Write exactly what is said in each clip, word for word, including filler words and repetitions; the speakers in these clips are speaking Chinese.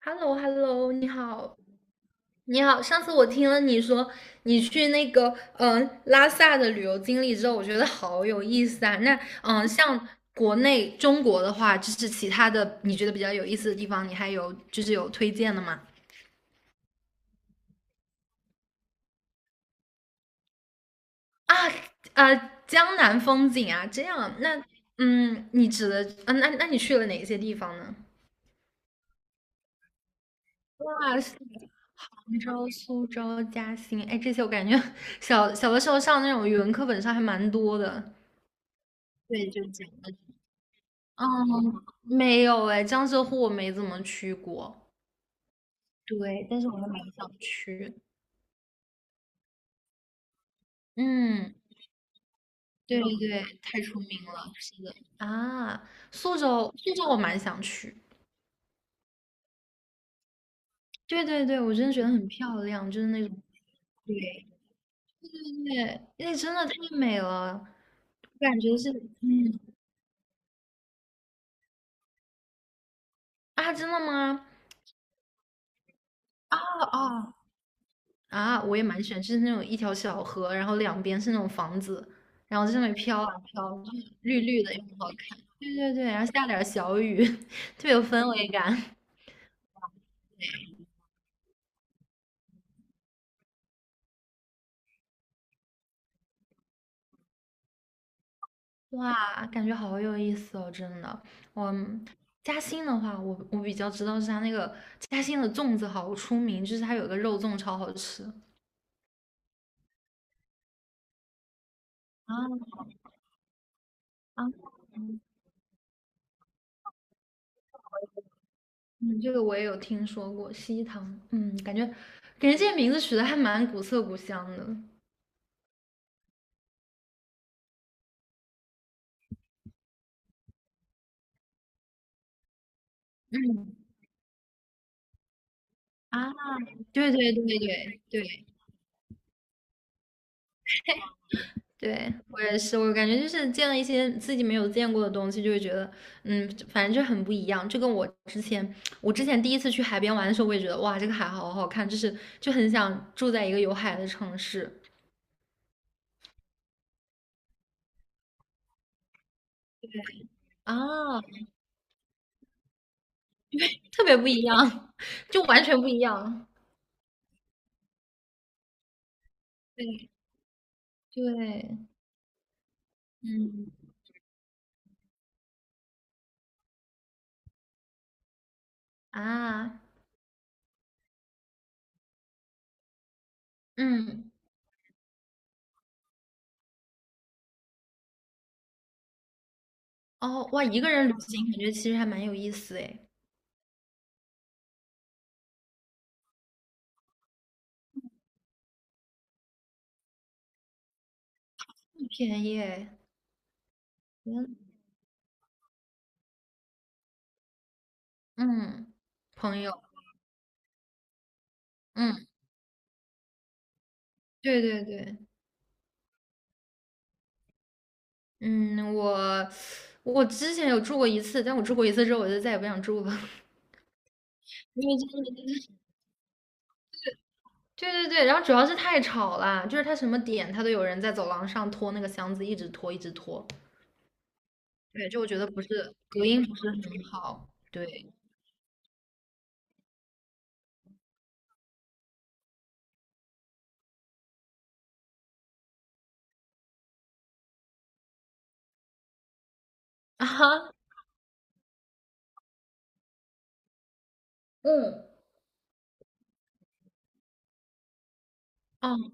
h e l l o h e l l o 你好，你好。上次我听了你说你去那个嗯、呃拉萨的旅游经历之后，我觉得好有意思啊。那嗯、呃像国内中国的话，就是其他的你觉得比较有意思的地方，你还有就是有推荐的吗？啊呃，江南风景啊，这样。那嗯，你指的嗯、那那你去了哪些地方呢？哇，是杭州、苏州、嘉兴，哎，这些我感觉 小小的时候上那种语文课本上还蛮多的。对，就讲的，嗯，没有哎，江浙沪我没怎么去过，对，但是我还蛮想去。嗯，对对对，太出名了，是的，啊，苏州，苏州我蛮想去，对对对，我真的觉得很漂亮，就是那种，对，对，对，那真的太美了，我感觉是。嗯，啊，真的吗？啊啊，啊，我也蛮喜欢，就是那种一条小河，然后两边是那种房子，然后在上面飘啊飘，就是绿绿的，又很好看。对对对，然后下点儿小雨，特别有氛围感。哇，感觉好有意思哦，真的。我嘉兴的话，我我比较知道是它那个嘉兴的粽子好出名，就是它有个肉粽超好吃。啊啊，嗯，这个我也有听说过，西塘。嗯，感觉感觉这些名字取得还蛮古色古香的。嗯。啊。对对对对对对，我也是，我感觉就是见了一些自己没有见过的东西，就会觉得，嗯，反正就很不一样。就跟我之前，我之前第一次去海边玩的时候，我也觉得，哇，这个海好好看，就是就很想住在一个有海的城市啊，特别不一样，就完全不一样。对对，嗯啊，嗯，哦，哇，一个人旅行感觉其实还蛮有意思诶，不便宜诶，嗯嗯，朋友，嗯。对对对，嗯，我我之前有住过一次，但我住过一次之后，我就再也不想住了，因为真的。对对对，然后主要是太吵了，就是它什么点它都有人在走廊上拖那个箱子，一直拖一直拖，对，就我觉得不是隔音不是很好，对啊哈，嗯哦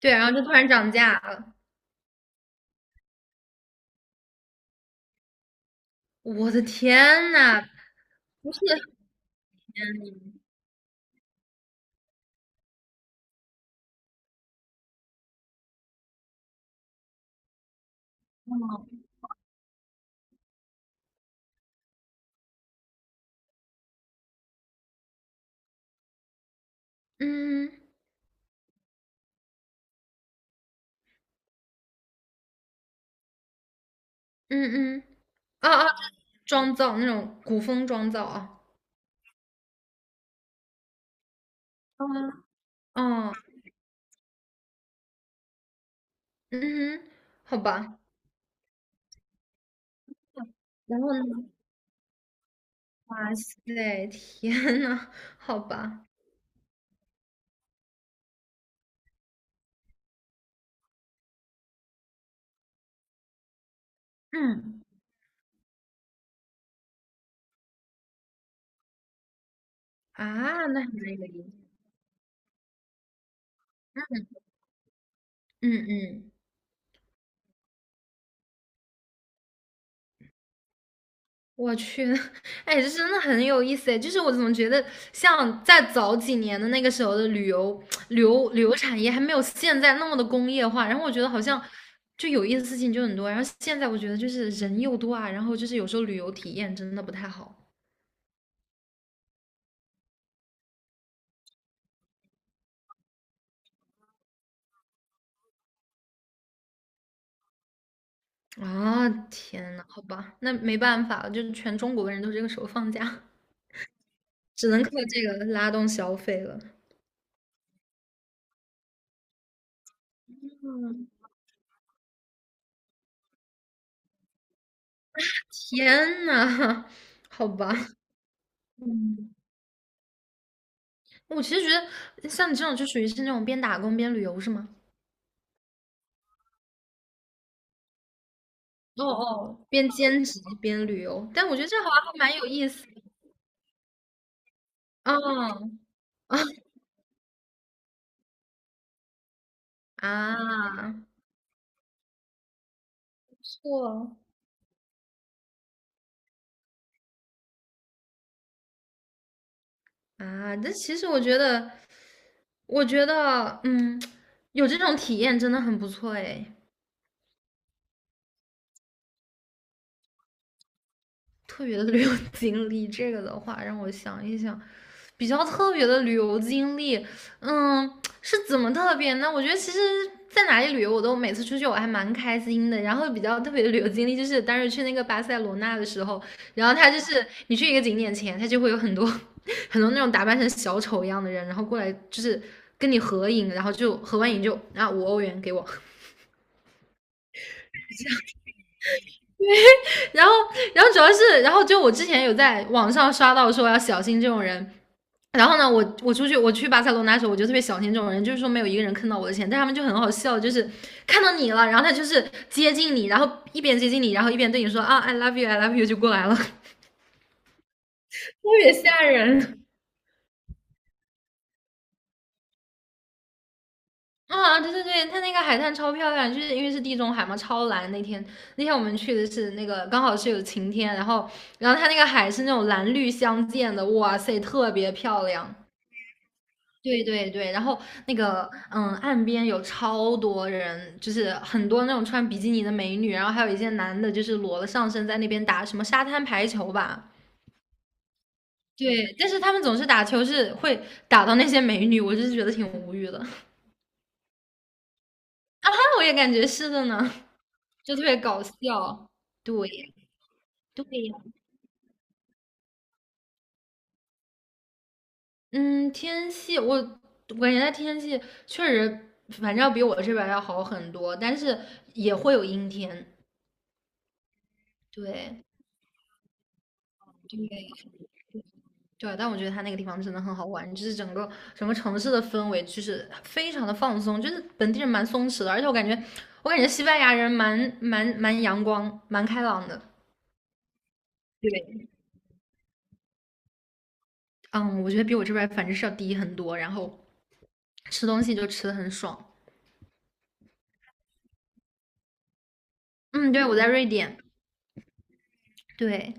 对，然后就突然涨价了，我的天呐，不是，嗯嗯嗯，啊啊，就是妆造那种古风妆造啊，嗯嗯。哦嗯哼，好吧。然后呢，哇塞，天呐，好吧。嗯，啊，那还蛮有意思。嗯嗯，我去，哎，这真的很有意思哎。就是我怎么觉得，像在早几年的那个时候的旅游、旅游、旅游产业还没有现在那么的工业化，然后我觉得好像就有意思的事情就很多。然后现在我觉得就是人又多啊，然后就是有时候旅游体验真的不太好啊。天呐，好吧，那没办法了，就是全中国的人都这个时候放假。只能靠这个拉动消费了。嗯。天呐，好吧，嗯。我其实觉得像你这种就属于是那种边打工边旅游是吗？哦哦。边兼职边旅游，但我觉得这好像还蛮有意思的。嗯啊。错。啊，这其实我觉得我觉得，嗯，有这种体验真的很不错哎。特别的旅游经历，这个的话让我想一想，比较特别的旅游经历，嗯，是怎么特别呢？我觉得其实在哪里旅游，我都每次出去我还蛮开心的。然后比较特别的旅游经历就是当时去那个巴塞罗那的时候，然后他就是你去一个景点前，他就会有很多 很多那种打扮成小丑一样的人，然后过来就是跟你合影，然后就合完影就啊五欧元给我，然后然后主要是然后就我之前有在网上刷到说要小心这种人，然后呢，我我出去我去巴塞罗那的时候，我就特别小心这种人，就是说没有一个人坑到我的钱，但他们就很好笑，就是看到你了，然后他就是接近你，然后一边接近你，然后一边对你说啊，I love you，I love you 就过来了，特别吓人。啊，对对对，他那个海滩超漂亮，就是因为是地中海嘛，超蓝。那天那天我们去的是那个刚好是有晴天，然后然后他那个海是那种蓝绿相间的，哇塞，特别漂亮。对对对，然后那个嗯，岸边有超多人，就是很多那种穿比基尼的美女，然后还有一些男的，就是裸了上身在那边打什么沙滩排球吧。对，但是他们总是打球是会打到那些美女，我就是觉得挺无语的 啊，我也感觉是的呢，就特别搞笑。对对呀，嗯，天气我我感觉它天气确实，反正要比我这边儿要好很多，但是也会有阴天。对对。对，但我觉得它那个地方真的很好玩，就是整个整个城市的氛围就是非常的放松，就是本地人蛮松弛的，而且我感觉我感觉西班牙人蛮蛮蛮阳光、蛮开朗的。对，嗯，我觉得比我这边儿反正是要低很多，然后吃东西就吃的很爽。嗯，对，我在瑞典。对，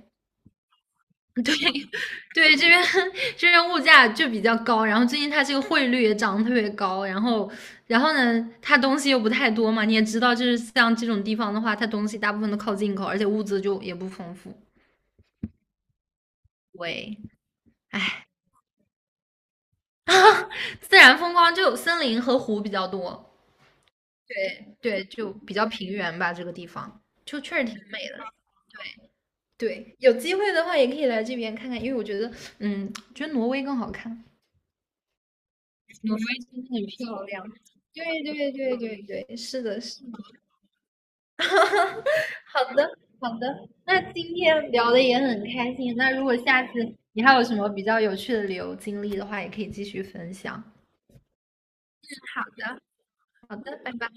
对 对，这边 这边物价就比较高，然后最近它这个汇率也涨得特别高，然后然后呢，它东西又不太多嘛，你也知道，就是像这种地方的话，它东西大部分都靠进口，而且物资就也不丰富。喂，哎，自然风光就森林和湖比较多。对对，就比较平原吧，这个地方就确实挺美的。对，有机会的话也可以来这边看看，因为我觉得，嗯，觉得挪威更好看。挪威真的很漂亮。对对对对对，是的，是的。好的，好的。那今天聊的也很开心。那如果下次你还有什么比较有趣的旅游经历的话，也可以继续分享。好的，好的，拜拜。